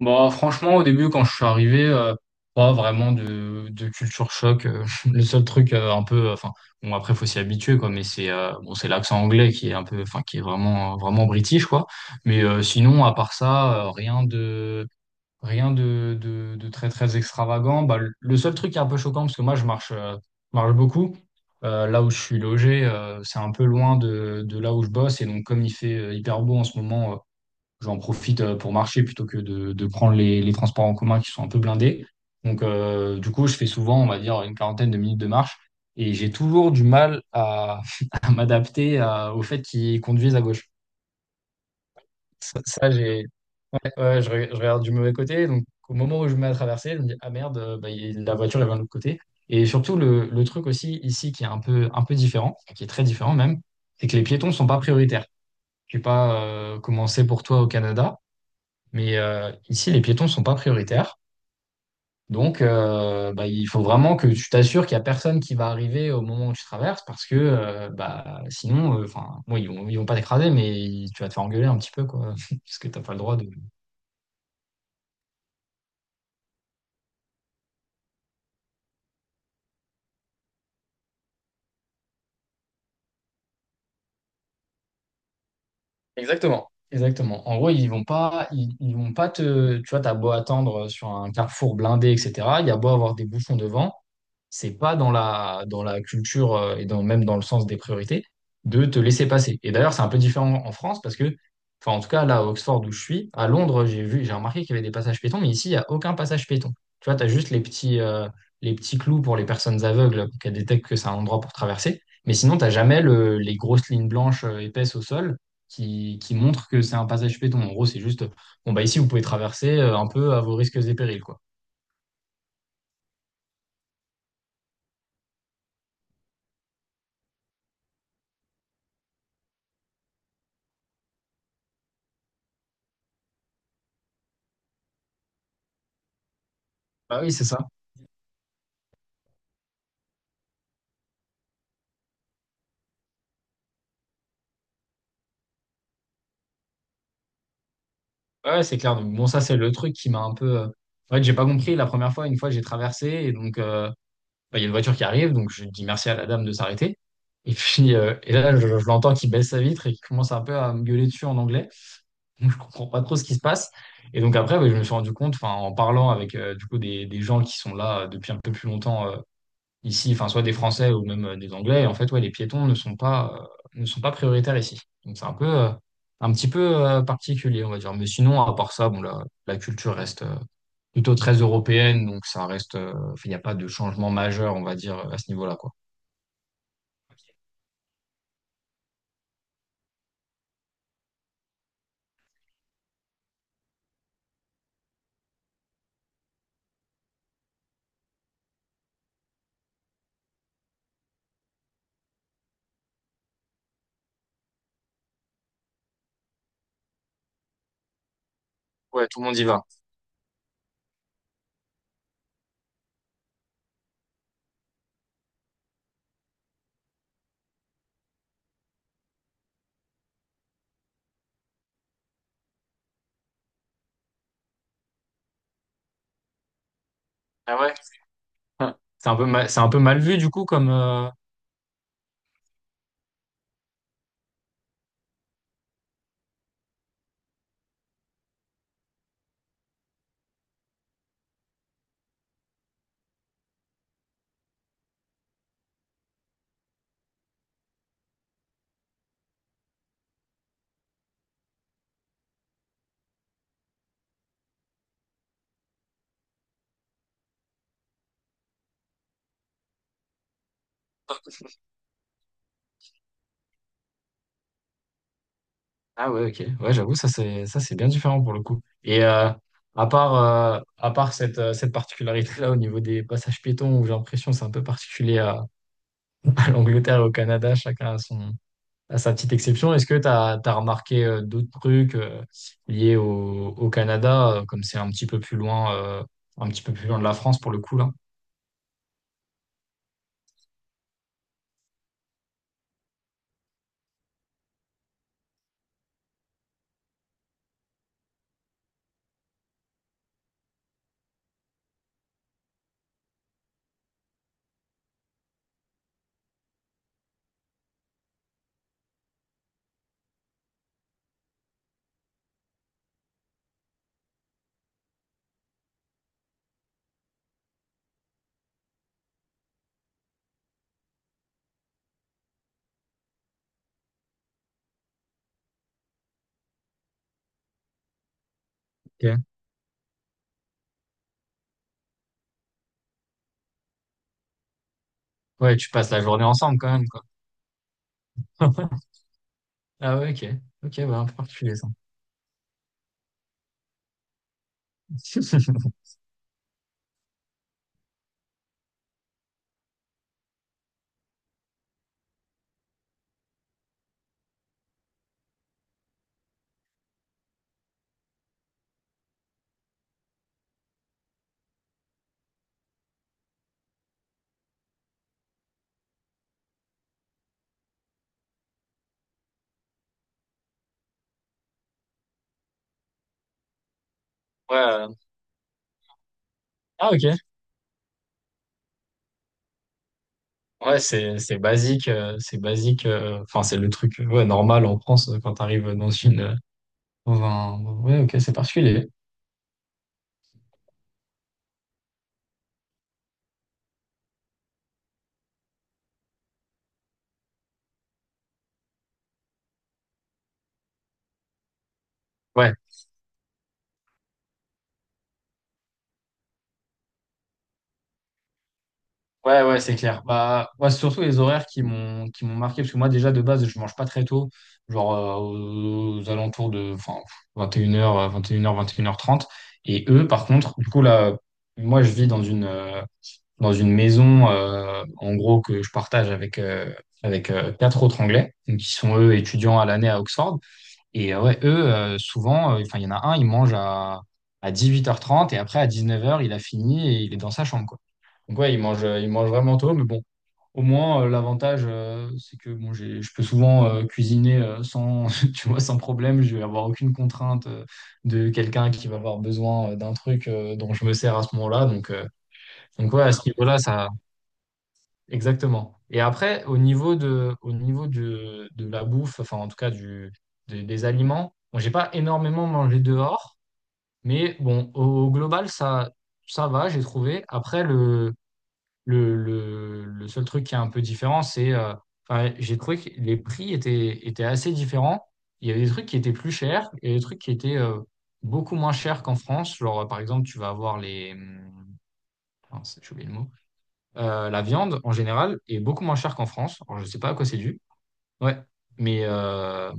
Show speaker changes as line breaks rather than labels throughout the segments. Franchement, au début, quand je suis arrivé, pas vraiment de culture choc. Le seul truc un peu, enfin, bon, après, faut s'y habituer, quoi, mais c'est bon, c'est l'accent anglais qui est un peu, enfin, qui est vraiment, vraiment british, quoi. Mais sinon, à part ça, rien de très, très extravagant. Le seul truc qui est un peu choquant, parce que moi, je marche beaucoup. Là où je suis logé, c'est un peu loin de là où je bosse, et donc, comme il fait hyper beau en ce moment, j'en profite pour marcher plutôt que de prendre les transports en commun qui sont un peu blindés. Donc, du coup, je fais souvent, on va dire, une quarantaine de minutes de marche et j'ai toujours du mal à, à m'adapter au fait qu'ils conduisent à gauche. J'ai, ouais, je regarde du mauvais côté. Donc, au moment où je me mets à traverser, je me dis, ah merde, bah, la voiture, elle vient de l'autre côté. Et surtout, le truc aussi ici qui est un peu différent, qui est très différent même, c'est que les piétons sont pas prioritaires. Je sais pas comment c'est pour toi au Canada. Mais ici, les piétons sont pas prioritaires. Donc, bah, il faut vraiment que tu t'assures qu'il n'y a personne qui va arriver au moment où tu traverses parce que bah, sinon, enfin, bon, ils vont pas t'écraser, mais tu vas te faire engueuler un petit peu, quoi, parce que t'as pas le droit de. Exactement, exactement. En gros, ils vont pas te, tu vois, t'as beau attendre sur un carrefour blindé, etc. Il y a beau avoir des bouchons devant, c'est pas dans dans la culture et dans, même dans le sens des priorités de te laisser passer. Et d'ailleurs, c'est un peu différent en France parce que, enfin, en tout cas, là, à Oxford où je suis, à Londres, j'ai remarqué qu'il y avait des passages piétons, mais ici, il y a aucun passage piéton. Tu vois, t'as juste les petits clous pour les personnes aveugles pour qu'elles détectent que c'est un endroit pour traverser. Mais sinon, t'as jamais le, les grosses lignes blanches épaisses au sol qui montre que c'est un passage piéton. En gros, c'est juste, bon, bah ici, vous pouvez traverser un peu à vos risques et périls, quoi. Bah oui, c'est ça. Ouais, c'est clair. Donc, bon, ça, c'est le truc qui m'a un peu. En fait, j'ai pas compris la première fois. Une fois, j'ai traversé et donc, bah, il y a une voiture qui arrive. Donc, je dis merci à la dame de s'arrêter. Et puis, et là, je l'entends qui baisse sa vitre et qui commence un peu à me gueuler dessus en anglais. Donc, je comprends pas trop ce qui se passe. Et donc après, ouais, je me suis rendu compte, enfin, en parlant avec du coup des gens qui sont là depuis un peu plus longtemps ici, enfin, soit des Français ou même des Anglais, en fait, ouais, les piétons ne sont pas, ne sont pas prioritaires ici. Donc c'est un peu, un petit peu particulier, on va dire. Mais sinon, à part ça, bon, la culture reste plutôt très européenne, donc ça reste, enfin, il n'y a pas de changement majeur, on va dire, à ce niveau-là, quoi. Ouais, tout le monde y va. Ah ouais? C'est un peu mal vu du coup comme, Ah ouais, ok. Ouais, j'avoue, ça c'est bien différent pour le coup. Et à part cette particularité-là au niveau des passages piétons où j'ai l'impression que c'est un peu particulier à, à l'Angleterre et au Canada, chacun a son a sa petite exception. Est-ce que t'as remarqué d'autres trucs liés au, au Canada, comme c'est un petit peu plus loin un petit peu plus loin de la France pour le coup là? Ok. Ouais, tu passes la journée ensemble quand même quoi. Ah ouais, ok. Ok, ouais, un peu particulier ça. Ouais. Ah ok. Ouais, c'est basique, c'est basique. Enfin, c'est le truc ouais, normal en France quand t'arrives dans une dans un. Ouais, ok, c'est particulier. Ouais, ouais, c'est clair. Bah, ouais, c'est surtout les horaires qui m'ont marqué parce que moi déjà de base je mange pas très tôt, genre aux alentours de enfin 21h, 21h, 21h30. Et une heures, 21h30. Et eux, par contre, du coup là, moi je vis dans une maison en gros que je partage avec quatre autres Anglais donc, qui sont eux étudiants à l'année à Oxford. Et ouais, eux, souvent, enfin, il y en a un, à 18h30 et après à 19h il a fini et il est dans sa chambre, quoi. Donc ouais, il mange vraiment tôt, mais bon, au moins, l'avantage, c'est que bon, je peux souvent cuisiner sans, tu vois, sans problème. Je vais avoir aucune contrainte de quelqu'un qui va avoir besoin d'un truc dont je me sers à ce moment-là. Donc ouais, à ce niveau-là, ça, Exactement. Et après, au niveau de la bouffe, enfin en tout cas du, des aliments, bon, j'ai pas énormément mangé dehors, mais bon, au, au global, ça va, j'ai trouvé. Après, le seul truc qui est un peu différent, c'est, enfin, j'ai trouvé que les prix étaient, étaient assez différents. Il y avait des trucs qui étaient plus chers et des trucs qui étaient beaucoup moins chers qu'en France. Genre, par exemple, tu vas avoir les... mince, j'ai oublié le mot la viande, en général, est beaucoup moins chère qu'en France. Alors, je sais pas à quoi c'est dû. Ouais. Mais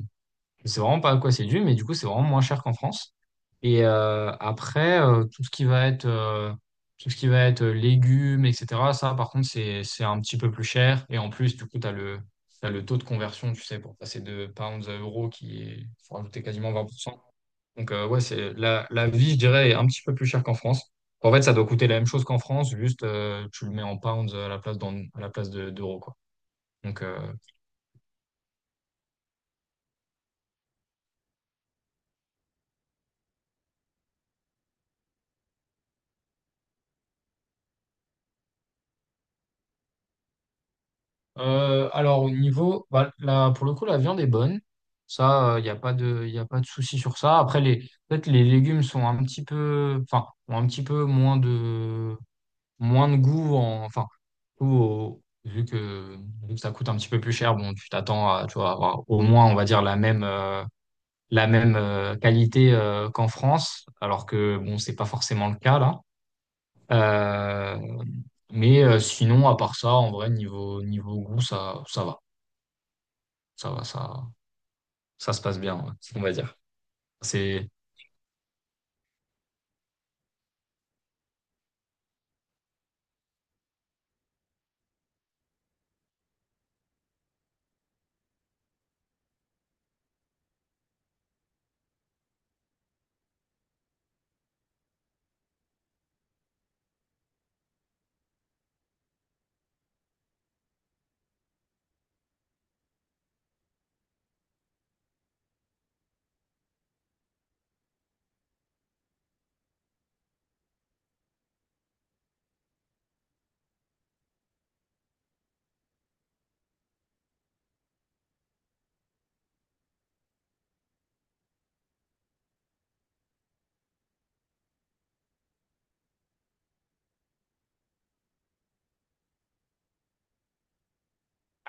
je sais vraiment pas à quoi c'est dû, mais du coup, c'est vraiment moins cher qu'en France. Et après, tout ce qui va être légumes, etc., ça, par contre, c'est un petit peu plus cher. Et en plus, du coup, t'as le taux de conversion, tu sais, pour passer de pounds à euros qui est, faut rajouter quasiment 20%. Donc, ouais, c'est la vie, je dirais, est un petit peu plus chère qu'en France. En fait, ça doit coûter la même chose qu'en France, juste tu le mets en pounds à la place d'euros, quoi. Donc, alors, au niveau, bah, là, pour le coup, la viande est bonne. Ça, il n'y a pas de, y a pas de souci sur ça. Après, les, peut-être les légumes sont un petit peu, enfin, ont un petit peu moins moins de goût, enfin, ou au- vu que, vu que ça coûte un petit peu plus cher, bon, tu t'attends à, tu vois, avoir au moins, on va dire, la même. La même qualité qu'en France, alors que bon, c'est pas forcément le cas là. Euh, mais sinon, à part ça, en vrai, niveau, niveau goût, ça va. Ça va, ça se passe bien, ouais, on va dire. C'est.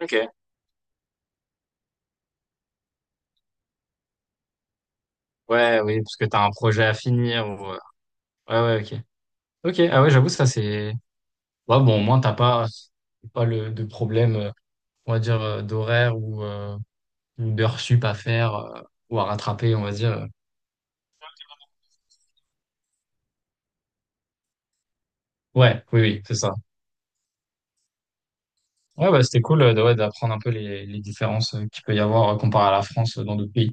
Ok. Ouais, oui, parce que t'as un projet à finir. Ou... Ouais, ouais, ok. Ok, ah ouais, j'avoue, ça c'est. Ouais, bon, au moins, t'as pas, pas de problème, on va dire, d'horaire ou d'heures sup à faire ou à rattraper, on va dire. Ouais, oui, oui, c'est ça. Ouais, bah, c'était cool ouais, d'apprendre un peu les différences qu'il peut y avoir comparé à la France dans d'autres pays.